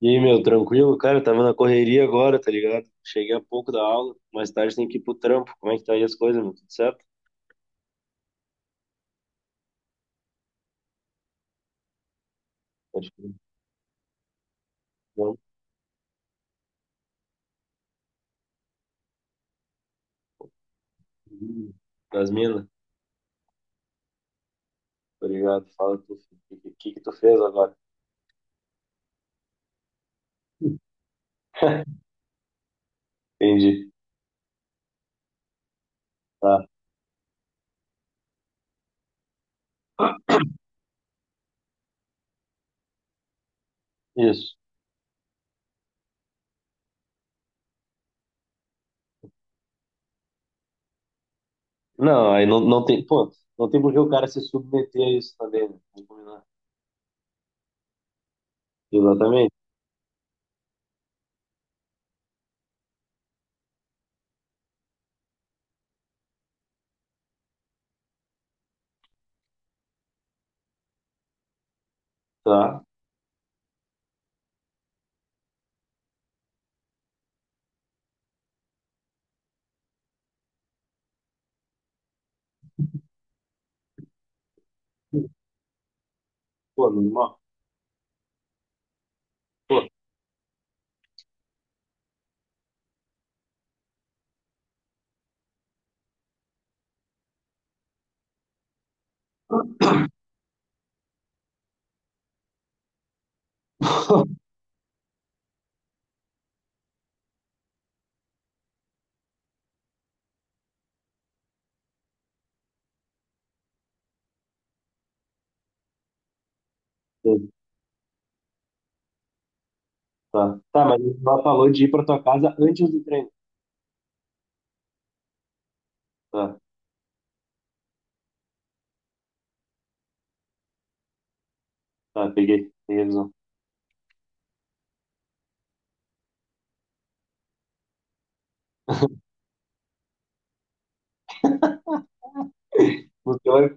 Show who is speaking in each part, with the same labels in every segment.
Speaker 1: E aí, meu, tranquilo? Cara, eu tava na correria agora, tá ligado? Cheguei há pouco da aula, mais tarde tem que ir pro trampo. Como é que tá aí as coisas, meu? Tudo certo? Pode ir. Bom, das minas? Obrigado. Fala tu, que tu fez agora? Entendi. Tá, isso. Não, aí não, pô, não tem por que o cara se submeter a isso também, né? Vamos combinar. Exatamente. Tá. Pô, normal. Pô, entendi. Tá. Tá, mas ela falou de ir pra tua casa antes do treino. Tá, tá, peguei. Peguei a visão. No teórico.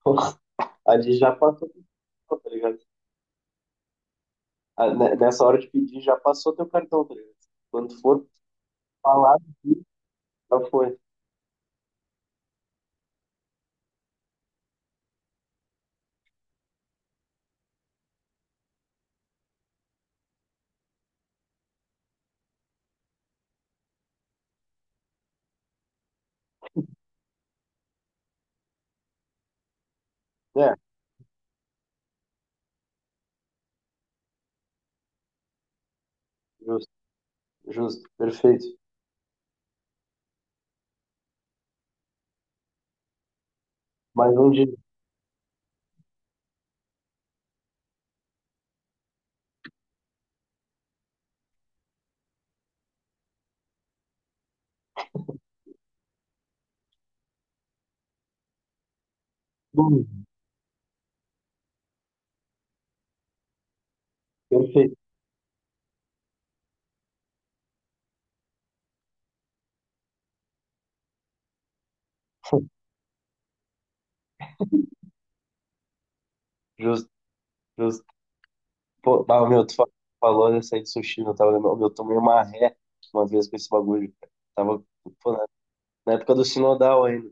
Speaker 1: Ali já passou, teu cartão, tá ligado? Ah, nessa hora de pedir, já passou teu cartão, tá ligado? Quando for falar, já foi. É, justo, justo, perfeito. Mais um dia. Hum. Perfeito, justo, justo. Pô, bah, meu, tu falou dessa aí de sushi, não tava lembrando. Meu, eu tomei uma ré uma vez com esse bagulho. Cara. Tava, pô, na época do Sinodal ainda.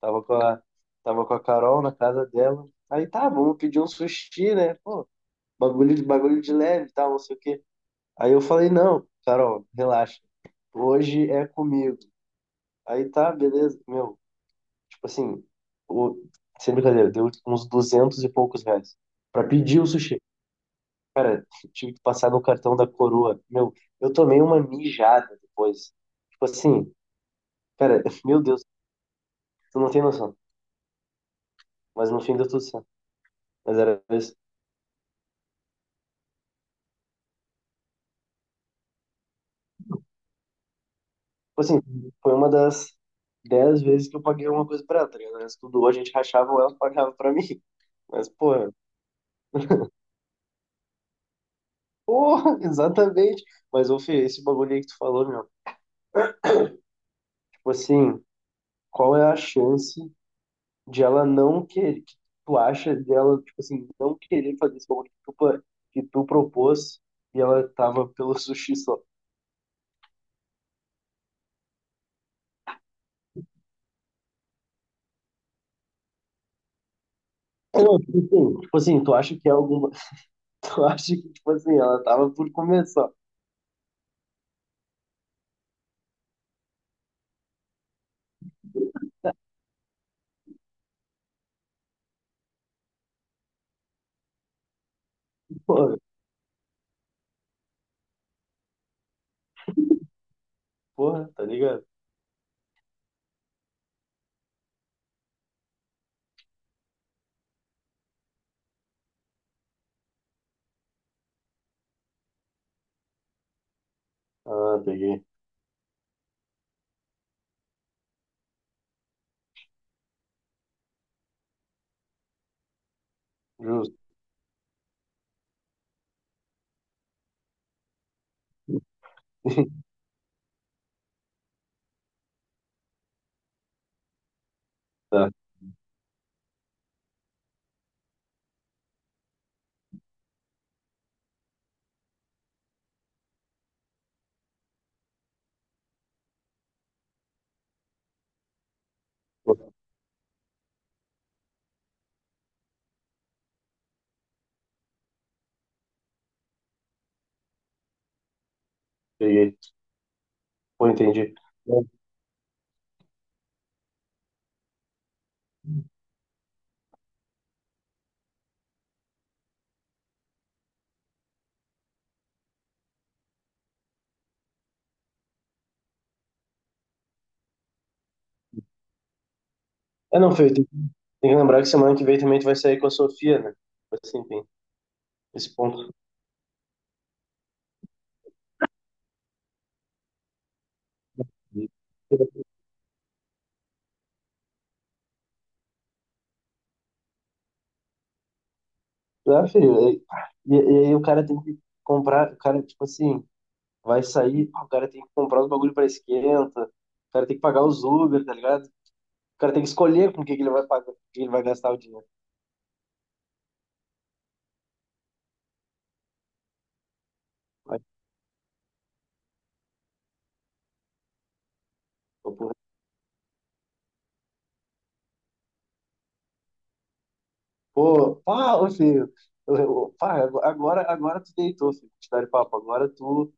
Speaker 1: Tava com a, tava com a Carol na casa dela. Aí tá, vamos pedir um sushi, né? Pô, bagulho de leve, e tal, não sei o quê. Aí eu falei, não, Carol, relaxa. Hoje é comigo. Aí tá, beleza. Meu, tipo assim, o... sem brincadeira, deu uns 200 e poucos reais. Pra pedir o sushi, tive que passar no cartão da coroa. Meu, eu tomei uma mijada depois. Tipo assim, cara, meu Deus, tu não tem noção. Mas no fim deu tudo certo. Mas era isso. Tipo assim, foi uma das 10 vezes que eu paguei alguma coisa pra ela, tá ligado? O resto tudo ou a gente rachava ou ela pagava pra mim. Mas, pô, porra, exatamente. Mas, ô, Fê, esse bagulho aí que tu falou, meu, tipo assim, qual é a chance de ela não querer, que tu acha dela, tipo assim, não querer fazer esse bagulho que tu propôs e ela tava pelo sushi só? Não, tipo assim, tu acha que é alguma, tu acha que, tipo assim, ela tava por começar só? Porra, porra, tá ligado? Ah, peguei. Justo, tá. Peguei. Pô, entendi. É, não, Fê, tem que lembrar que semana que vem também tu vai sair com a Sofia, né? Tipo assim, tem esse ponto. Ah, filho, e aí o cara tem que comprar, o cara, tipo assim, vai sair, pá, o cara tem que comprar os bagulho pra esquenta, o cara tem que pagar os Uber, tá ligado? O cara tem que escolher com o que que ele vai pagar, com o que ele vai gastar o dinheiro. Aí, pô, porra. Pô, pá, ô filho, pá, agora tu deitou, filho, te dar papo, agora tu,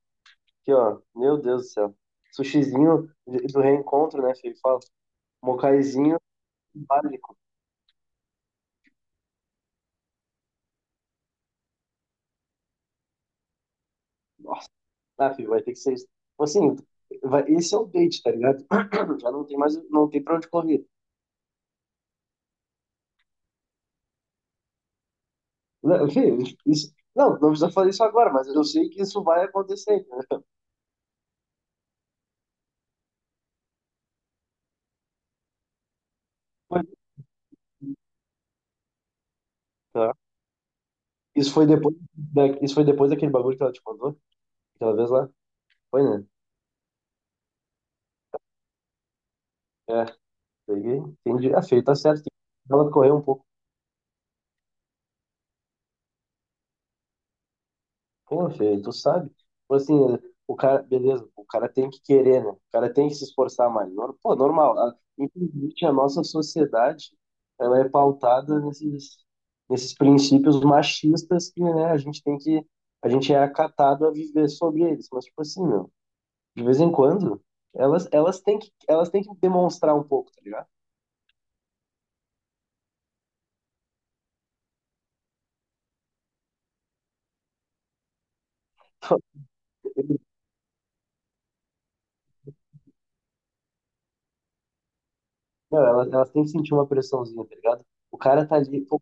Speaker 1: aqui, ó, meu Deus do céu. Sushizinho do reencontro, né, filho? Fala, mocaizinho básico. Nossa, tá, filho, vai ter que ser isso. Assim, esse é o date, tá ligado? Já não tem mais, não tem pra onde correr. Não, filho, isso, não precisa fazer isso agora, mas eu sei que isso vai acontecer, entendeu? Mas, tá. Isso foi depois daquele bagulho que ela te mandou, aquela vez lá? Foi, né? É, peguei, entendi. Ah, filho, tá certo. Ela correu um pouco. Pô, Fê, tu sabe. Tipo assim, o cara, beleza, o cara tem que querer, né? O cara tem que se esforçar mais. Pô, normal. Infelizmente, a nossa sociedade, ela é pautada nesses princípios machistas que, né, a gente é acatado a viver sobre eles. Mas, tipo assim, meu, de vez em quando, elas têm que demonstrar um pouco, tá ligado? Não, elas têm que sentir uma pressãozinha, tá ligado? O cara tá ali, pô,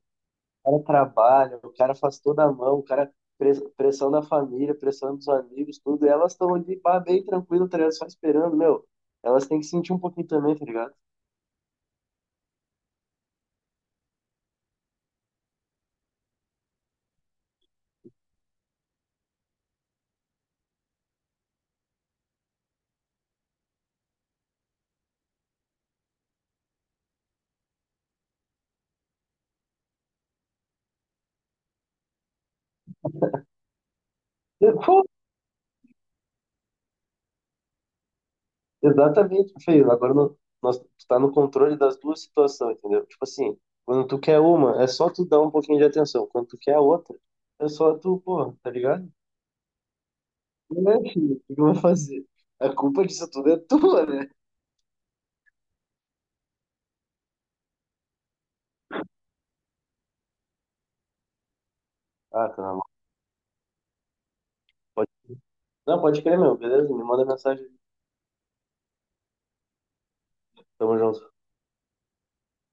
Speaker 1: cara trabalha, o cara faz toda a mão, o cara pressão da família, pressão dos amigos, tudo. E elas estão ali, pá, bem tranquilo, tá ligado? Só esperando, meu. Elas têm que sentir um pouquinho também, tá ligado? E, pô, exatamente, feio. Agora nós, tu tá no controle das duas situações, entendeu? Tipo assim, quando tu quer uma, é só tu dar um pouquinho de atenção. Quando tu quer a outra, é só tu, pô, tá ligado? Não é, filho, o que que eu vou fazer? A culpa disso tudo é tua, né? Ah, tá na mão. Pode... Não, pode crer, meu, beleza? Me manda mensagem. Tamo junto.